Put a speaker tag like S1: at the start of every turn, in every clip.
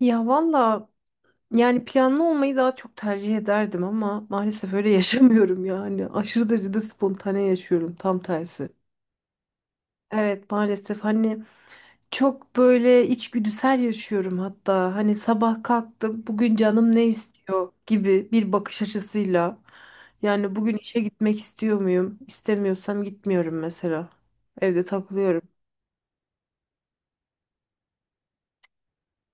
S1: Ya valla yani planlı olmayı daha çok tercih ederdim ama maalesef öyle yaşamıyorum yani. Aşırı derecede spontane yaşıyorum, tam tersi. Evet maalesef hani çok böyle içgüdüsel yaşıyorum hatta. Hani sabah kalktım bugün canım ne istiyor gibi bir bakış açısıyla. Yani bugün işe gitmek istiyor muyum? İstemiyorsam gitmiyorum mesela. Evde takılıyorum.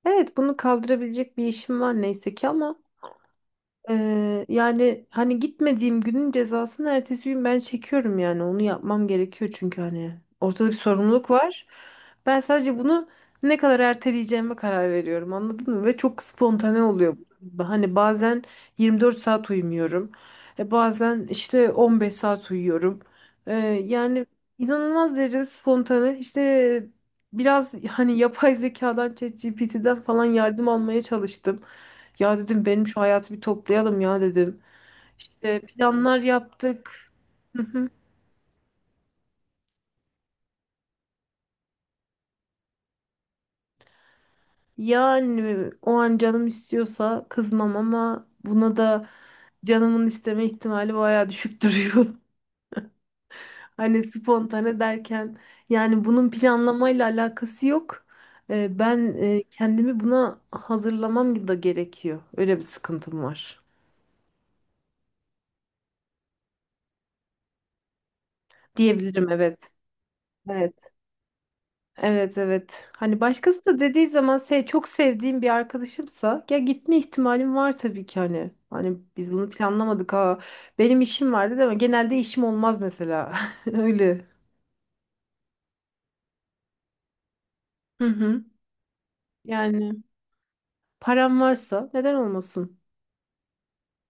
S1: Evet bunu kaldırabilecek bir işim var neyse ki ama yani hani gitmediğim günün cezasını ertesi gün ben çekiyorum yani onu yapmam gerekiyor çünkü hani ortada bir sorumluluk var. Ben sadece bunu ne kadar erteleyeceğime karar veriyorum anladın mı? Ve çok spontane oluyor bu. Hani bazen 24 saat uyumuyorum. Bazen işte 15 saat uyuyorum. Ee, yani inanılmaz derecede spontane İşte biraz hani yapay zekadan ChatGPT'den falan yardım almaya çalıştım. Ya dedim benim şu hayatı bir toplayalım ya dedim. İşte planlar yaptık. Hı hı. Yani o an canım istiyorsa kızmam ama buna da canımın isteme ihtimali bayağı düşük duruyor. Hani spontane derken yani bunun planlamayla alakası yok. Ben kendimi buna hazırlamam da gerekiyor. Öyle bir sıkıntım var. Diyebilirim evet. Evet. Evet evet. Hani başkası da dediği zaman çok sevdiğim bir arkadaşımsa ya gitme ihtimalim var tabii ki hani. Hani biz bunu planlamadık ha. Benim işim vardı değil mi? Genelde işim olmaz mesela. Öyle. Hı hı. Yani param varsa neden olmasın?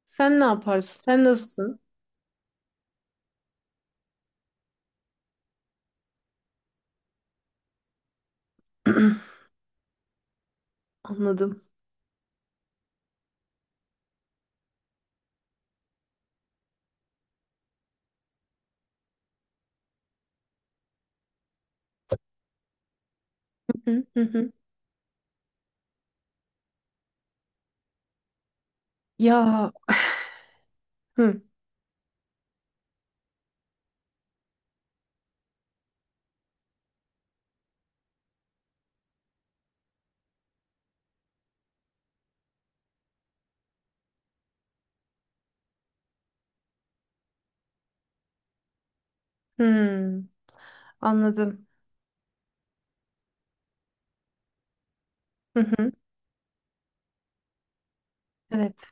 S1: Sen ne yaparsın? Sen nasılsın? Anladım. Hı hı hı. Ya. Hı hı. Anladım. Hı hı. Evet.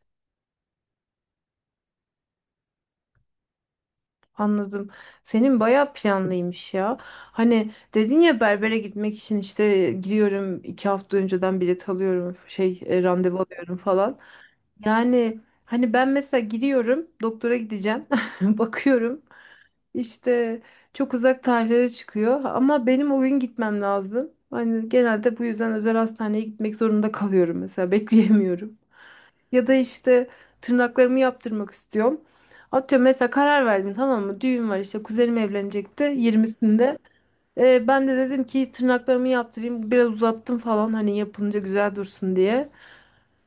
S1: Anladım. Senin bayağı planlıymış ya. Hani dedin ya, berbere gitmek için işte gidiyorum iki hafta önceden bilet alıyorum şey randevu alıyorum falan. Yani hani ben mesela gidiyorum doktora gideceğim bakıyorum işte çok uzak tarihlere çıkıyor ama benim o gün gitmem lazım. Hani genelde bu yüzden özel hastaneye gitmek zorunda kalıyorum mesela bekleyemiyorum. Ya da işte tırnaklarımı yaptırmak istiyorum. Atıyorum mesela, karar verdim tamam mı? Düğün var işte, kuzenim evlenecekti 20'sinde. Ben de dedim ki tırnaklarımı yaptırayım biraz, uzattım falan hani, yapılınca güzel dursun diye.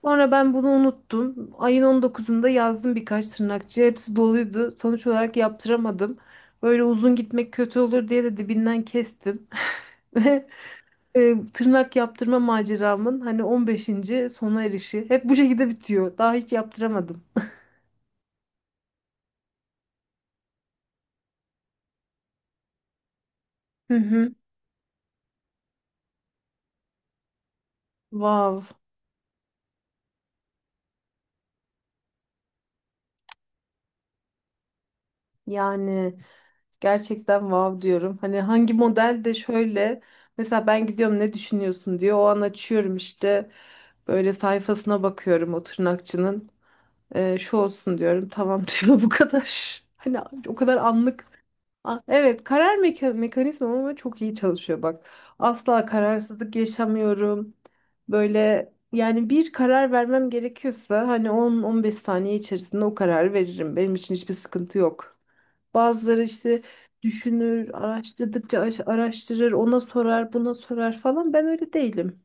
S1: Sonra ben bunu unuttum. Ayın 19'unda yazdım birkaç tırnakçıya, hepsi doluydu. Sonuç olarak yaptıramadım. Böyle uzun gitmek kötü olur diye de dibinden kestim. Ve tırnak yaptırma maceramın hani 15. sona erişi hep bu şekilde bitiyor. Daha hiç yaptıramadım. Hı hı. Wow. Yani gerçekten wow diyorum. Hani hangi model, de şöyle mesela ben gidiyorum ne düşünüyorsun diyor. O an açıyorum işte böyle sayfasına bakıyorum o tırnakçının. Şu olsun diyorum. Tamam diyor, bu kadar. Hani o kadar anlık. Ah, evet, karar mekanizmam ama çok iyi çalışıyor bak. Asla kararsızlık yaşamıyorum. Böyle yani bir karar vermem gerekiyorsa hani 10-15 saniye içerisinde o kararı veririm. Benim için hiçbir sıkıntı yok. Bazıları işte düşünür, araştırdıkça araştırır, ona sorar, buna sorar falan. Ben öyle değilim.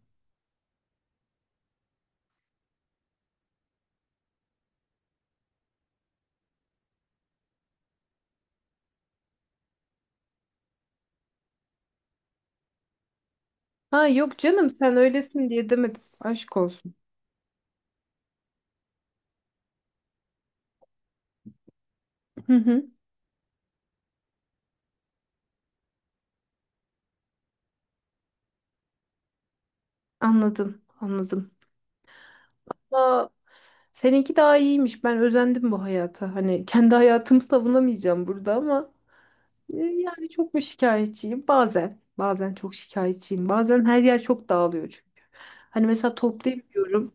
S1: Ha yok canım, sen öylesin diye demedim. Aşk olsun. Hı hı. Anladım, anladım. Seninki daha iyiymiş. Ben özendim bu hayata. Hani kendi hayatımı savunamayacağım burada ama yani çok mu şikayetçiyim? Bazen. Bazen çok şikayetçiyim. Bazen her yer çok dağılıyor çünkü. Hani mesela toplayamıyorum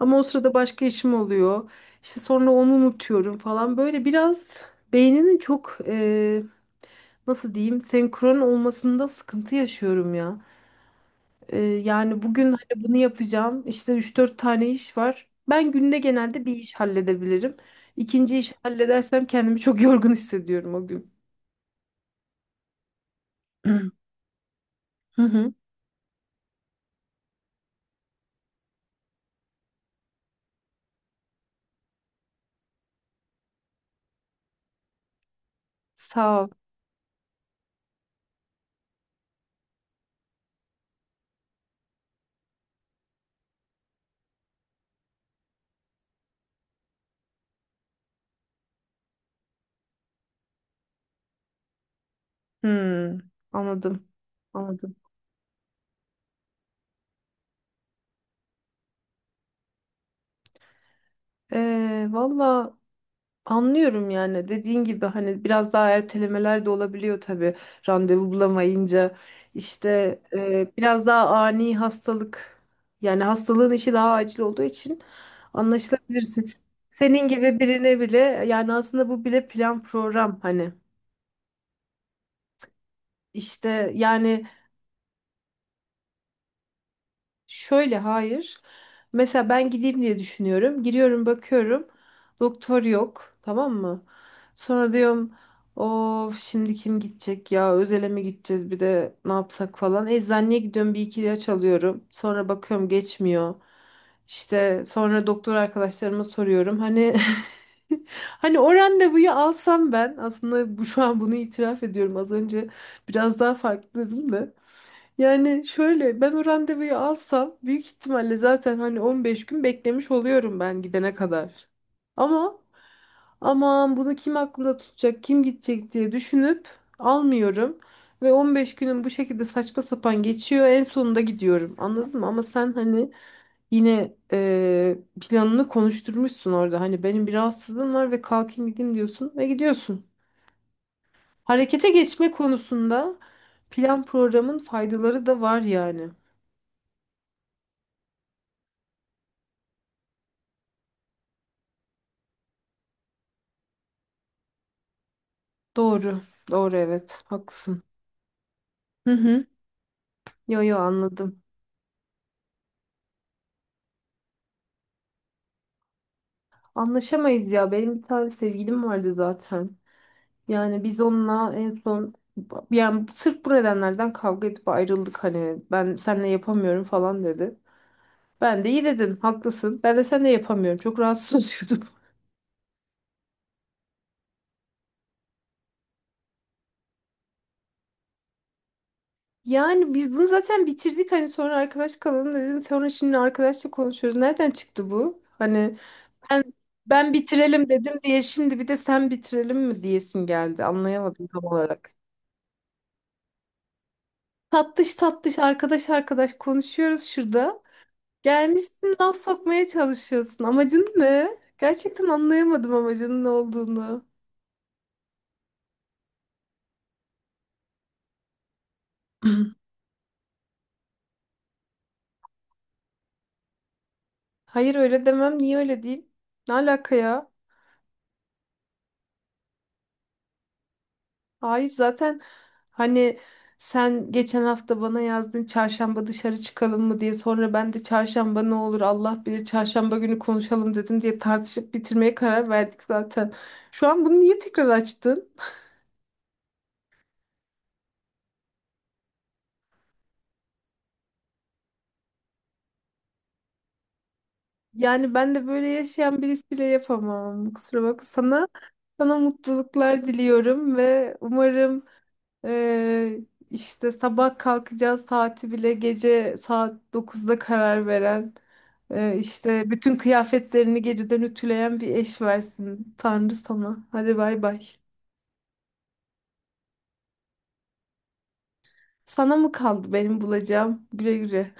S1: ama o sırada başka işim oluyor. İşte sonra onu unutuyorum falan. Böyle biraz beyninin çok nasıl diyeyim, senkron olmasında sıkıntı yaşıyorum ya. Yani bugün hani bunu yapacağım. İşte üç dört tane iş var. Ben günde genelde bir iş halledebilirim. İkinci işi halledersem kendimi çok yorgun hissediyorum o gün. Hı hı. Sağ ol. Hmm, anladım. Anladım. Valla anlıyorum yani, dediğin gibi hani biraz daha ertelemeler de olabiliyor tabii randevu bulamayınca işte biraz daha ani hastalık yani, hastalığın işi daha acil olduğu için anlaşılabilirsin. Senin gibi birine bile yani, aslında bu bile plan program hani işte yani. Şöyle, hayır. Mesela ben gideyim diye düşünüyorum. Giriyorum, bakıyorum. Doktor yok. Tamam mı? Sonra diyorum of, şimdi kim gidecek ya, özele mi gideceğiz bir de, ne yapsak falan. Eczaneye gidiyorum, bir iki ilaç alıyorum. Sonra bakıyorum geçmiyor. İşte sonra doktor arkadaşlarıma soruyorum. Hani hani o randevuyu alsam, ben aslında bu şu an bunu itiraf ediyorum. Az önce biraz daha farklı dedim de. Yani şöyle, ben o randevuyu alsam büyük ihtimalle zaten hani 15 gün beklemiş oluyorum ben gidene kadar. Ama aman, bunu kim aklında tutacak, kim gidecek diye düşünüp almıyorum. Ve 15 günüm bu şekilde saçma sapan geçiyor. En sonunda gidiyorum. Anladın mı? Ama sen hani yine planını konuşturmuşsun orada. Hani benim bir rahatsızlığım var ve kalkayım gideyim diyorsun ve gidiyorsun. Harekete geçme konusunda plan programın faydaları da var yani. Doğru. Doğru evet. Haklısın. Hı hı. Yo yo, anladım. Anlaşamayız ya. Benim bir tane sevgilim vardı zaten. Yani biz onunla en son, yani sırf bu nedenlerden kavga edip ayrıldık hani, ben seninle yapamıyorum falan dedi. Ben de iyi dedim, haklısın. Ben de seninle yapamıyorum. Çok rahatsız oluyordum. Yani biz bunu zaten bitirdik hani, sonra arkadaş kalalım dedin. Sonra şimdi arkadaşla konuşuyoruz. Nereden çıktı bu? Hani Ben ben bitirelim dedim diye şimdi bir de sen bitirelim mi diyesin geldi. Anlayamadım tam olarak. Tatlış tatlış, arkadaş arkadaş konuşuyoruz şurada. Gelmişsin laf sokmaya çalışıyorsun. Amacın ne? Gerçekten anlayamadım amacının ne olduğunu. Hayır, öyle demem. Niye öyle diyeyim? Ne alaka ya? Hayır zaten hani, sen geçen hafta bana yazdın çarşamba dışarı çıkalım mı diye, sonra ben de çarşamba ne olur Allah bilir, çarşamba günü konuşalım dedim diye tartışıp bitirmeye karar verdik zaten. Şu an bunu niye tekrar açtın? Yani ben de böyle yaşayan birisiyle yapamam. Kusura bakma sana. Sana mutluluklar diliyorum ve umarım eee, işte sabah kalkacağı saati bile gece saat 9'da karar veren, işte bütün kıyafetlerini geceden ütüleyen bir eş versin Tanrı sana. Hadi bay bay. Sana mı kaldı benim bulacağım? Güle güle.